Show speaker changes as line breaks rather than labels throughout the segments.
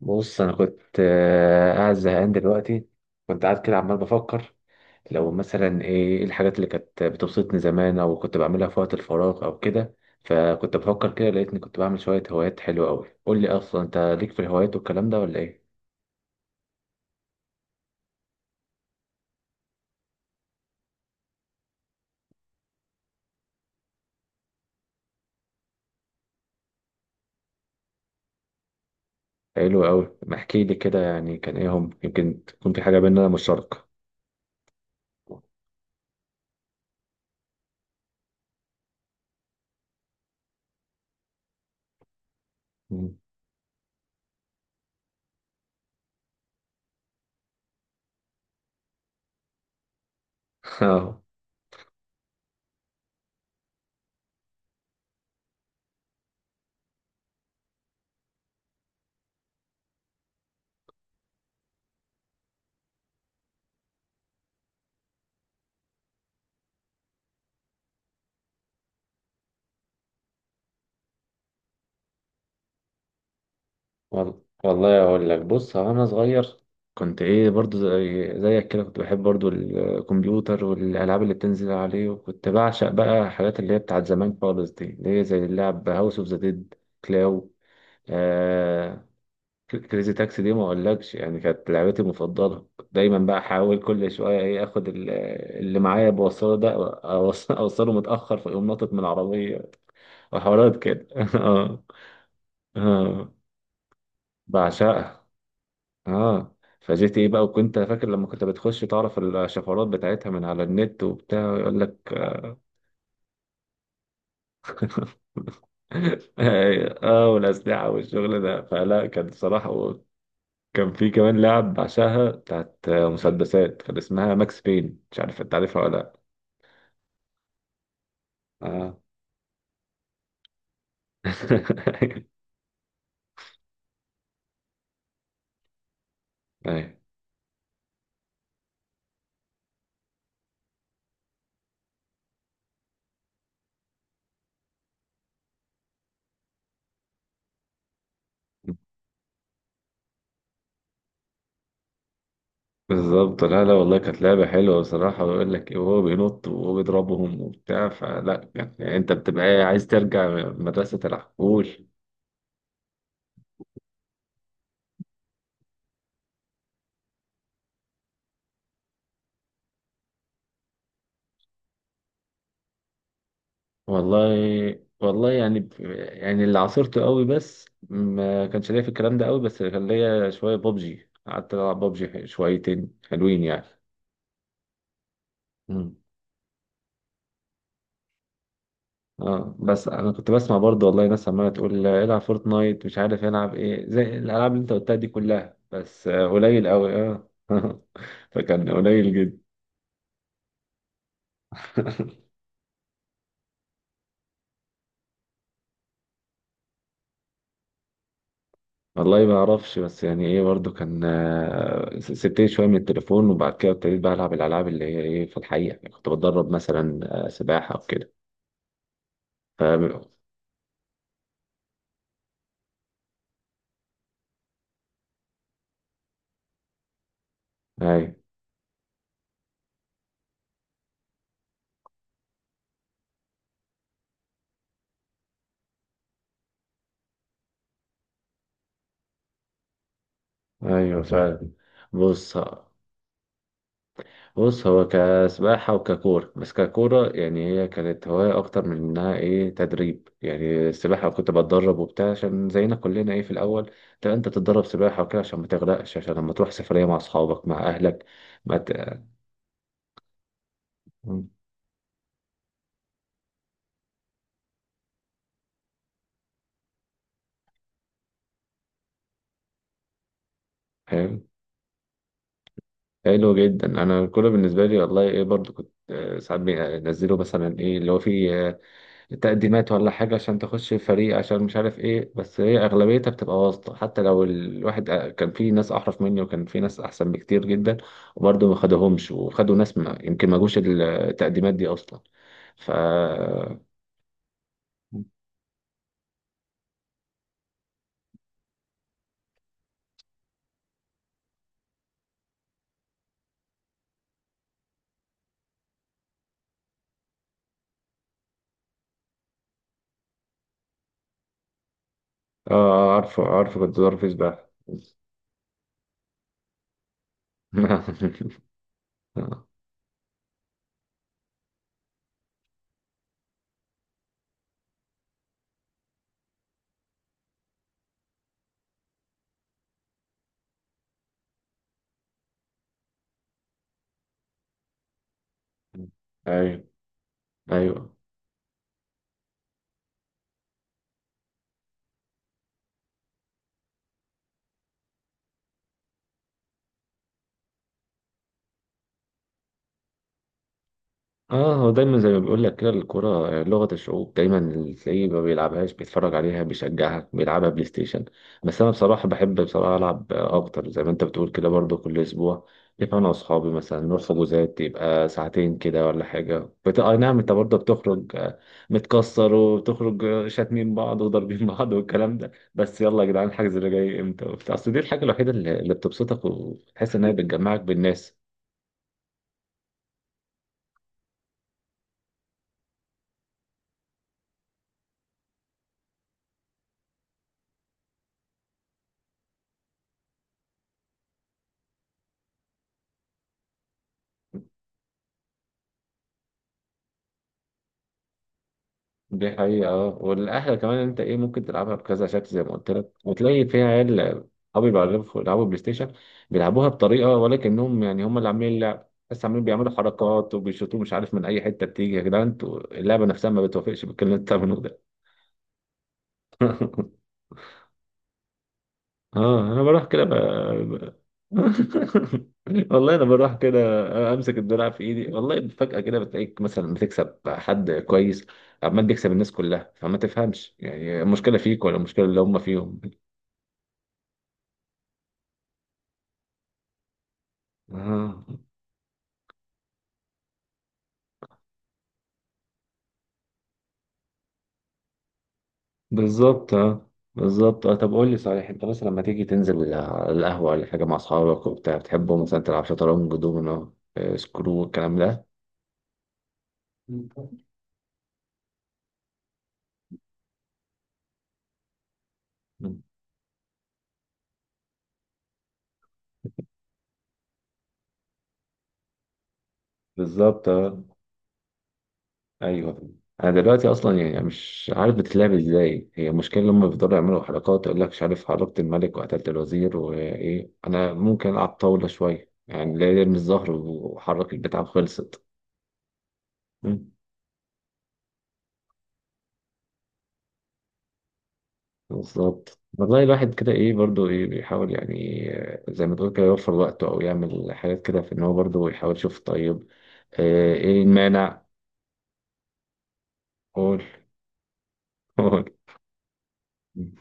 بص انا كنت قاعد زهقان دلوقتي. كنت قاعد كده عمال بفكر لو مثلا إيه الحاجات اللي كانت بتبسطني زمان او كنت بعملها في وقت الفراغ او كده. فكنت بفكر كده لقيتني كنت بعمل شوية هوايات حلوة قوي. قول لي اصلا انت ليك في الهوايات والكلام ده ولا ايه؟ حلو قوي، ما احكي لي كده، يعني كان ايه هم؟ يمكن تكون في حاجة بيننا مشتركة. مم. اه. والله اقول لك. بص، هو انا صغير كنت ايه برضو زي زيك كده، كنت بحب برضو الكمبيوتر والالعاب اللي بتنزل عليه، وكنت بعشق بقى الحاجات اللي هي بتاعت زمان خالص دي، اللي هي زي اللعب هاوس اوف ذا ديد، كلاو، آه كريزي تاكسي. دي ما اقولكش، يعني كانت لعبتي المفضله. كنت دايما بقى احاول كل شويه ايه اخد اللي معايا بوصله ده، اوصله متاخر فيقوم ناطط من العربيه وحوارات كده اه. اه، بعشقها. اه، فجيت ايه بقى، وكنت فاكر لما كنت بتخش تعرف الشفرات بتاعتها من على النت وبتاع يقول لك اه. والاسلحه والشغل ده، فلا كان صراحه. كان في كمان لعب بعشقها بتاعت مسدسات، كان اسمها ماكس بين، مش عارف انت عارفها ولا لا؟ اه أيوة. بالظبط، لا لا، والله كانت لعبة حلوة بصراحة. ويقول لك وهو بينط وهو بيضربهم وبتاع، فلا يعني انت بتبقى عايز ترجع مدرسة العقول. والله والله يعني يعني اللي عاصرته قوي، بس ما كانش ليا في الكلام ده قوي، بس كان ليا شويه ببجي، قعدت العب ببجي شويتين حلوين يعني. مم. اه، بس انا كنت بسمع برضه والله ناس عماله تقول العب فورتنايت، مش عارف العب ايه زي الالعاب اللي انت قلتها دي كلها، بس قليل قوي اه فكان قليل جدا. والله ما اعرفش، بس يعني ايه برضو كان سبتني شويه من التليفون، وبعد كده ابتديت بقى العب الالعاب اللي هي ايه في الحقيقه، يعني كنت بتدرب مثلا سباحه او كده. ف ايوه. ايوه فعلا. بص بص هو كسباحه وككوره، بس ككوره يعني هي كانت هوايه اكتر من انها ايه تدريب. يعني السباحه كنت بتدرب وبتاع عشان زينا كلنا ايه في الاول، انت تتدرب سباحه وكده عشان ما تغرقش، عشان لما تروح سفريه مع اصحابك مع اهلك. ما ت... فاهم. حلو جدا، انا كله بالنسبه لي والله ايه برضو كنت ساعات بنزله مثلا ايه اللي هو فيه تقديمات ولا حاجه عشان تخش فريق، عشان مش عارف ايه. بس هي اغلبيتها بتبقى واسطه، حتى لو الواحد كان في ناس احرف مني، وكان في ناس احسن بكتير جدا، وبرضو ما خدهمش، وخدوا ناس ما يمكن ما جوش التقديمات دي اصلا. اه. عارفه عارفه، كنت ظرف سباحه. ايوه ايوه. اه، هو دايما زي ما بيقول لك كده، الكرة لغة الشعوب، دايما اللي تلاقيه ما بيلعبهاش بيتفرج عليها، بيشجعها، بيلعبها بلاي ستيشن. بس انا بصراحة بحب بصراحة العب اكتر زي ما انت بتقول كده، برضو كل اسبوع يبقى انا واصحابي مثلا نروح حجوزات يبقى ساعتين كده ولا حاجة اي نعم، انت برضو بتخرج متكسر، وبتخرج شاتمين بعض وضاربين بعض والكلام ده، بس يلا يا جدعان، الحجز اللي جاي امتى وبتاع. اصل دي الحاجة الوحيدة اللي بتبسطك وتحس انها بتجمعك بالناس. دي حقيقة. اه، والأحلى كمان إن أنت ممكن تلعبها بكذا شكل زي ما قلت لك، وتلاقي فيها عيال. أصحابي بيلعبوا بلاي ستيشن، بيلعبوها بطريقة، ولكنهم يعني هم اللي عاملين اللعب، بس عاملين بيعملوا حركات وبيشوطوا مش عارف من أي حتة بتيجي. يا جدعان أنتوا، اللعبة نفسها ما بتوافقش بالكلام اللي أنت بتعملوه ده. اه، انا بروح كده ب... والله انا بروح كده امسك الدرع في ايدي، والله فجأة كده بتلاقيك مثلا بتكسب حد كويس، عمال بيكسب الناس كلها، فما تفهمش يعني المشكلة فيك ولا المشكلة اللي هم فيهم. اه بالظبط، اه بالظبط، اه. طب قول لي صحيح، انت مثلا لما تيجي تنزل على القهوة ولا حاجة مع اصحابك وبتاع بتحبوا مثلا تلعب شطرنج، دومينو، سكرو، الكلام ده؟ مم. بالظبط. ايوه. انا دلوقتي اصلا يعني مش عارف بتتلعب ازاي، هي المشكله لما بيفضلوا يعملوا حركات يقول لك مش عارف حركت الملك وقتلت الوزير وايه. انا ممكن العب طاوله شويه، يعني لا، يرمي الزهر وحرك البتاع خلصت. مم. بالظبط والله، الواحد كده ايه برضو ايه بيحاول، يعني زي ما تقول كده، يوفر وقته او يعمل حاجات كده في ان هو برضو يحاول يشوف. طيب ايه المانع؟ قول. قول. مم.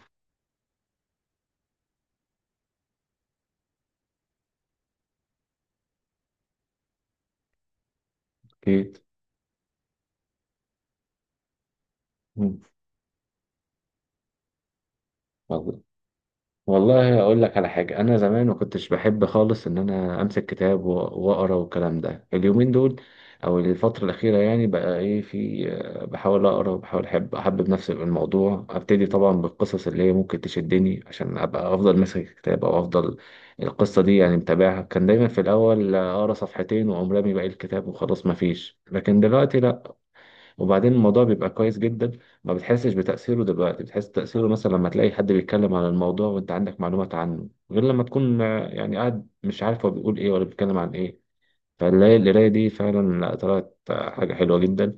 اكيد. مم. والله اقول لك على حاجه، انا زمان ما كنتش بحب خالص ان انا امسك كتاب واقرا والكلام ده. اليومين دول او الفتره الاخيره، يعني بقى ايه، في بحاول اقرا، وبحاول احبب نفسي بالموضوع. ابتدي طبعا بالقصص اللي هي ممكن تشدني عشان ابقى افضل ماسك الكتاب او افضل القصه دي، يعني متابعها. كان دايما في الاول اقرا صفحتين واقوم رامي باقي الكتاب وخلاص ما فيش، لكن دلوقتي لا. وبعدين الموضوع بيبقى كويس جدا، ما بتحسش بتأثيره دلوقتي، بتحس تأثيره مثلا لما تلاقي حد بيتكلم عن الموضوع وانت عندك معلومات عنه، غير لما تكون يعني قاعد مش عارف هو بيقول ايه ولا بيتكلم عن ايه. فالقراية، القراية دي فعلا لا، طلعت حاجة حلوة جدا.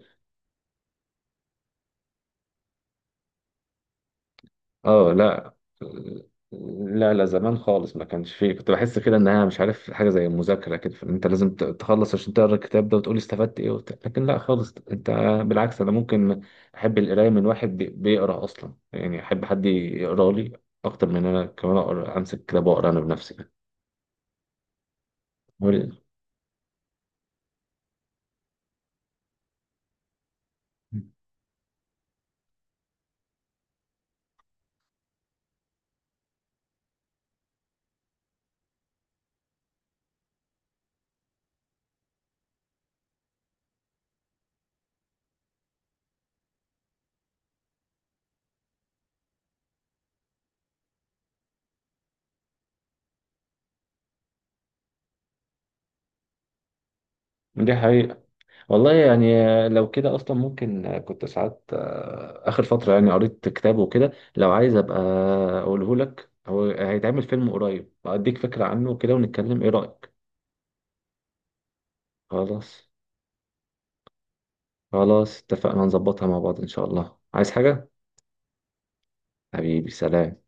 اه، لا لا، لا زمان خالص ما كانش فيه. كنت بحس كده انها مش عارف حاجه زي المذاكره كده، فإن انت لازم تخلص عشان تقرا الكتاب ده وتقول استفدت ايه وبتاع، لكن لا خالص. انت بالعكس، انا ممكن احب القرايه من واحد بيقرا اصلا، يعني احب حد يقرا لي اكتر من انا كمان اقرا امسك كتاب واقرا انا بنفسي. دي حقيقه. والله يعني لو كده اصلا ممكن كنت ساعات اخر فتره يعني قريت كتاب وكده، لو عايز ابقى اقوله لك هو هيتعمل فيلم قريب، اديك فكره عنه كده ونتكلم ايه رايك. خلاص، خلاص اتفقنا، نظبطها مع بعض ان شاء الله. عايز حاجه؟ حبيبي، سلام.